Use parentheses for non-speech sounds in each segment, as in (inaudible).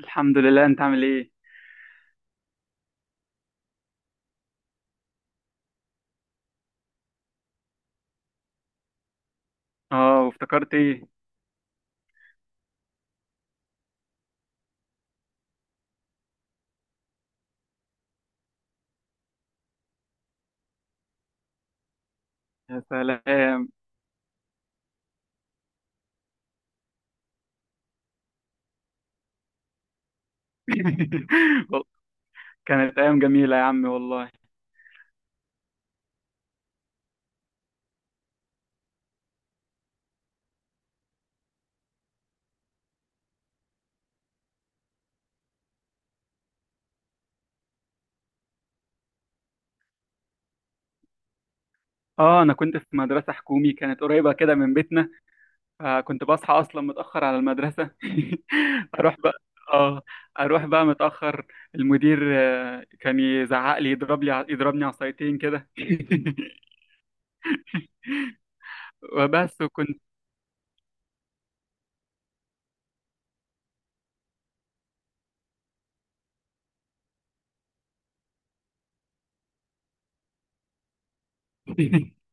الحمد لله، انت عامل ايه؟ اه، وافتكرت ايه؟ يا سلام. (laughs) وال- كانت ايام جميله يا عمي والله. اه، انا كنت في مدرسه حكومي كانت قريبه كده من بيتنا. فكنت بصحى اصلا متاخر على المدرسه. (laughs) اروح بقى. اه، اروح بقى متاخر. المدير كان يزعق لي، يضربني عصايتين كده. (laughs) وبس وكنت. (laughs)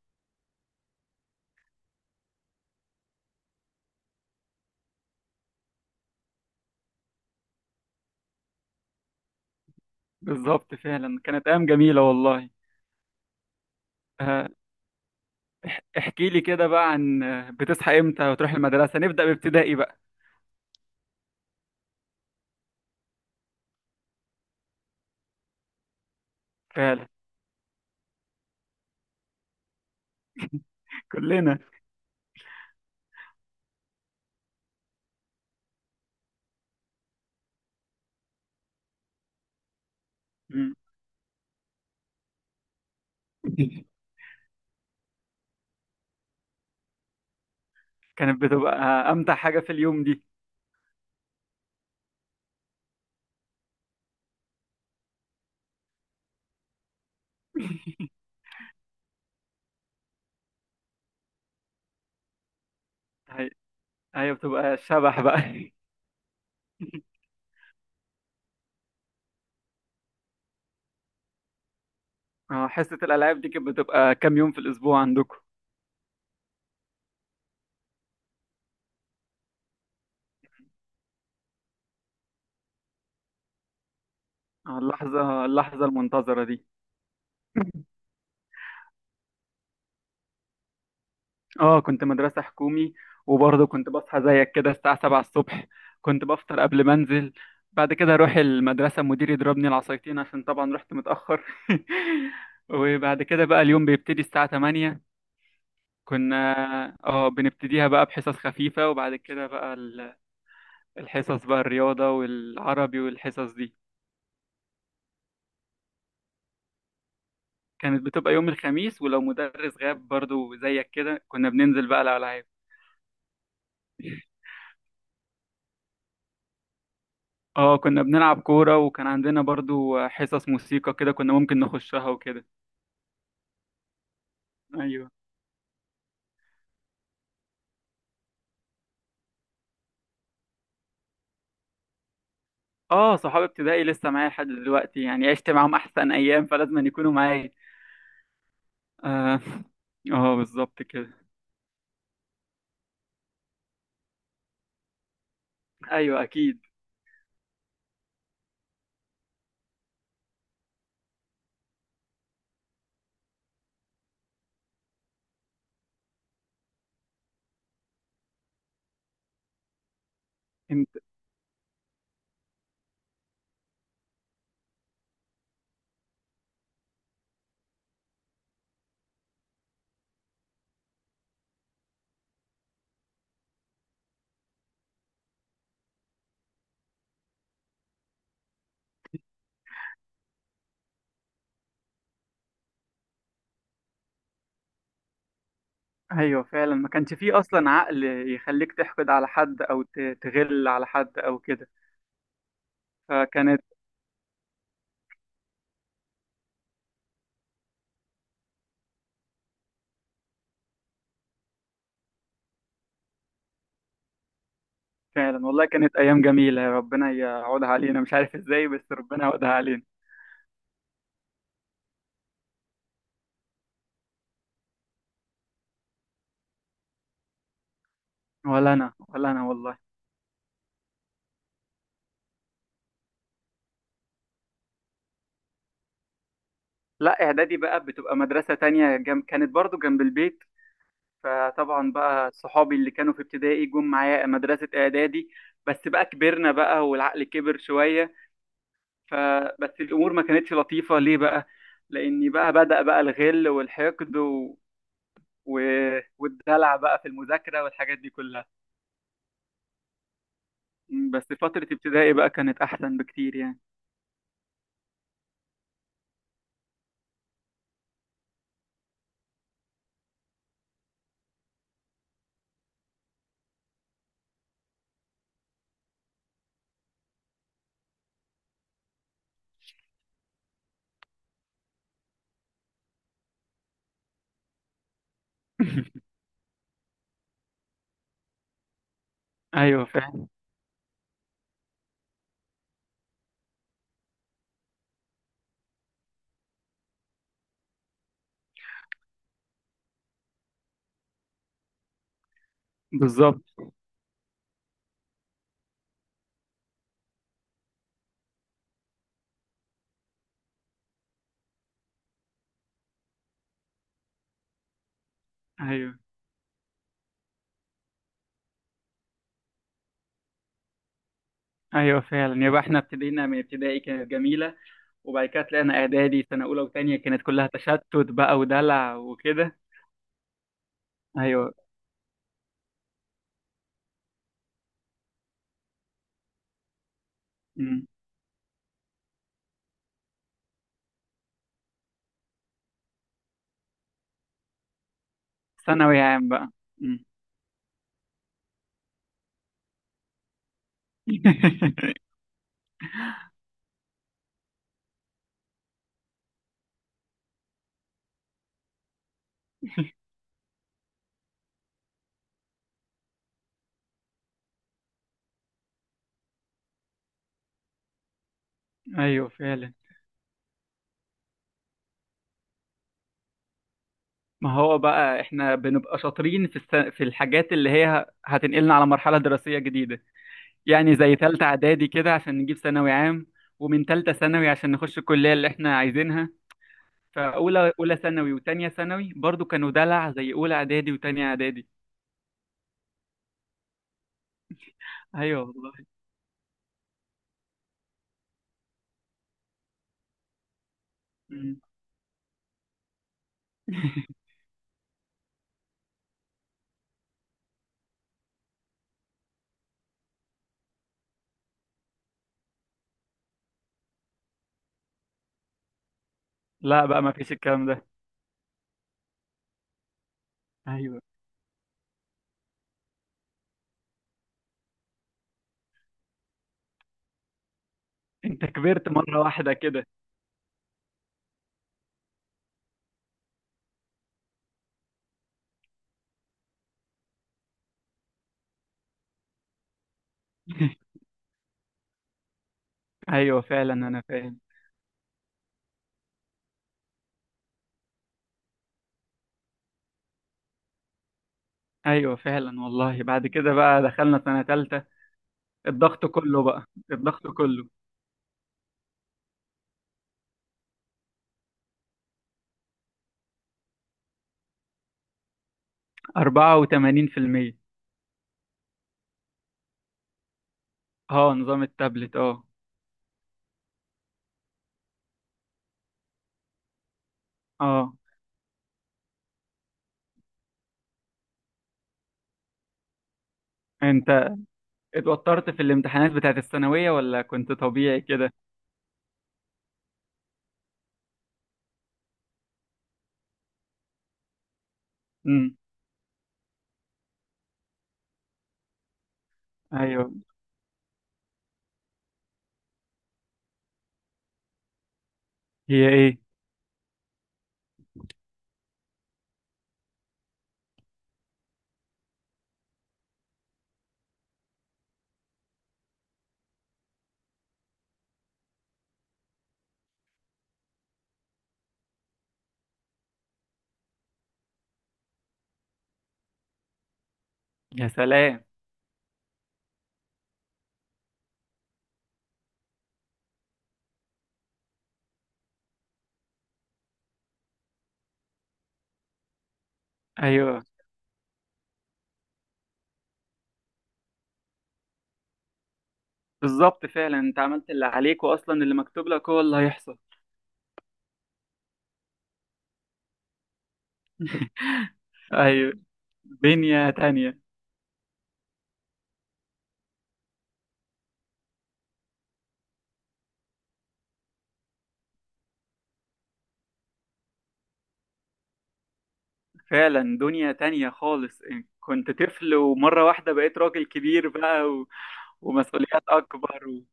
بالظبط، فعلا كانت ايام جميله والله. آه، احكي لي كده بقى عن بتصحى امتى وتروح المدرسة، نبدأ بابتدائي بقى. فعلا، كلنا. مم. (laughs) كانت بتبقى امتع حاجة في اليوم دي. (laughs) هي هي بتبقى شبح بقى. حصة الألعاب دي كانت بتبقى كام يوم في الأسبوع عندكم؟ اللحظة المنتظرة دي. (laughs) اه، كنت مدرسة حكومي. وبرضه كنت بصحى زيك كده الساعة 7 الصبح. كنت بفطر قبل ما انزل. بعد كده اروح المدرسة، المدير يضربني العصايتين عشان طبعا رحت متأخر. (laughs) وبعد كده بقى اليوم بيبتدي الساعة 8. كنا اه بنبتديها بقى بحصص خفيفة، وبعد كده بقى الحصص بقى الرياضة والعربي والحصص دي. كانت بتبقى يوم الخميس، ولو مدرس غاب برضه زيك كده كنا بننزل بقى الألعاب. اه، كنا بنلعب كورة وكان عندنا برضو حصص موسيقى كده كنا ممكن نخشها وكده. ايوه. اه، صحابي ابتدائي لسه معايا لحد دلوقتي، يعني عشت معاهم احسن ايام، فلازم أن يكونوا معايا. اه. (laughs) اه، بالظبط كده. ايوه، اكيد. انت. ايوه، فعلا ما كانش فيه اصلا عقل يخليك تحقد على حد او تغل على حد او كده. فكانت. فعلا والله كانت ايام جميلة، ربنا يعودها علينا، مش عارف ازاي بس ربنا يعودها علينا. ولا انا، ولا انا والله. لا، اعدادي بقى بتبقى مدرسة تانية. كانت برضو جنب البيت. فطبعا بقى صحابي اللي كانوا في ابتدائي جم معايا مدرسة اعدادي. بس بقى كبرنا بقى والعقل كبر شوية. فبس الامور ما كانتش لطيفة ليه بقى. لاني بقى بدأ بقى الغل والحقد و... والدلع بقى في المذاكرة والحاجات دي كلها. بس فترة ابتدائي بقى كانت احسن بكتير يعني. (laughs) ايوه، فعلا. بالظبط. ايوه، ايوه، فعلا يبقى احنا ابتدينا من ابتدائي كانت جميلة. وبعد كده طلعنا اعدادي، سنه اولى وثانيه كانت كلها تشتت بقى ودلع وكده. ايوه. أمم. ثانوي عام بقى. أمم. (laughs) ايوه، فعلا ما هو بقى احنا بنبقى شاطرين في الحاجات اللي هي هتنقلنا على مرحله دراسيه جديده. يعني زي ثالثه اعدادي كده عشان نجيب ثانوي عام، ومن ثالثه ثانوي عشان نخش الكليه اللي احنا عايزينها. فاولى ثانوي وثانيه ثانوي برضو كانوا دلع زي اولى اعدادي وثانيه اعدادي. ايوه والله. أمم. (laughs) لا بقى، ما فيش الكلام ده. ايوه، انت كبرت مرة واحدة كده. (laughs) ايوه فعلا، انا فاهم. ايوه فعلا والله، بعد كده بقى دخلنا سنة تالتة، الضغط كله بقى، الضغط كله. 84%. اه، نظام التابلت، اه. اه، انت اتوترت في الامتحانات بتاعت الثانوية ولا كنت طبيعي كده؟ امم، ايوه. هي ايه؟ يا سلام. ايوه، بالظبط فعلا، انت عملت اللي عليك واصلا اللي مكتوب لك هو اللي هيحصل. ايوه، دنيا تانية. فعلا دنيا تانية خالص. كنت طفل ومرة واحدة بقيت راجل كبير بقى ومسؤوليات أكبر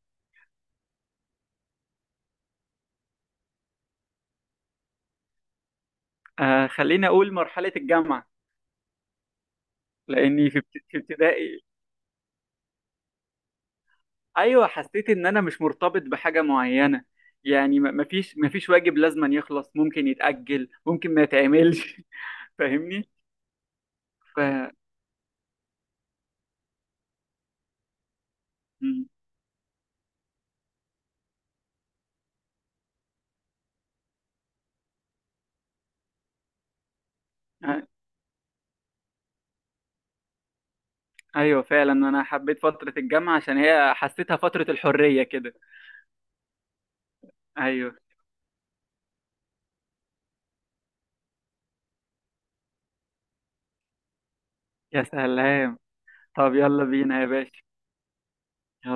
آه، خليني أقول مرحلة الجامعة. لأني في ابتدائي، أيوة حسيت إن أنا مش مرتبط بحاجة معينة. يعني مفيش واجب لازم أن يخلص، ممكن يتأجل ممكن ما يتعملش. (laughs) فاهمني؟ ف م. آه، أيوة فعلا، أنا حبيت فترة الجامعة عشان هي حسيتها فترة الحرية كده. أيوة. يا سلام. طب يلا بينا يا باشا. يلا.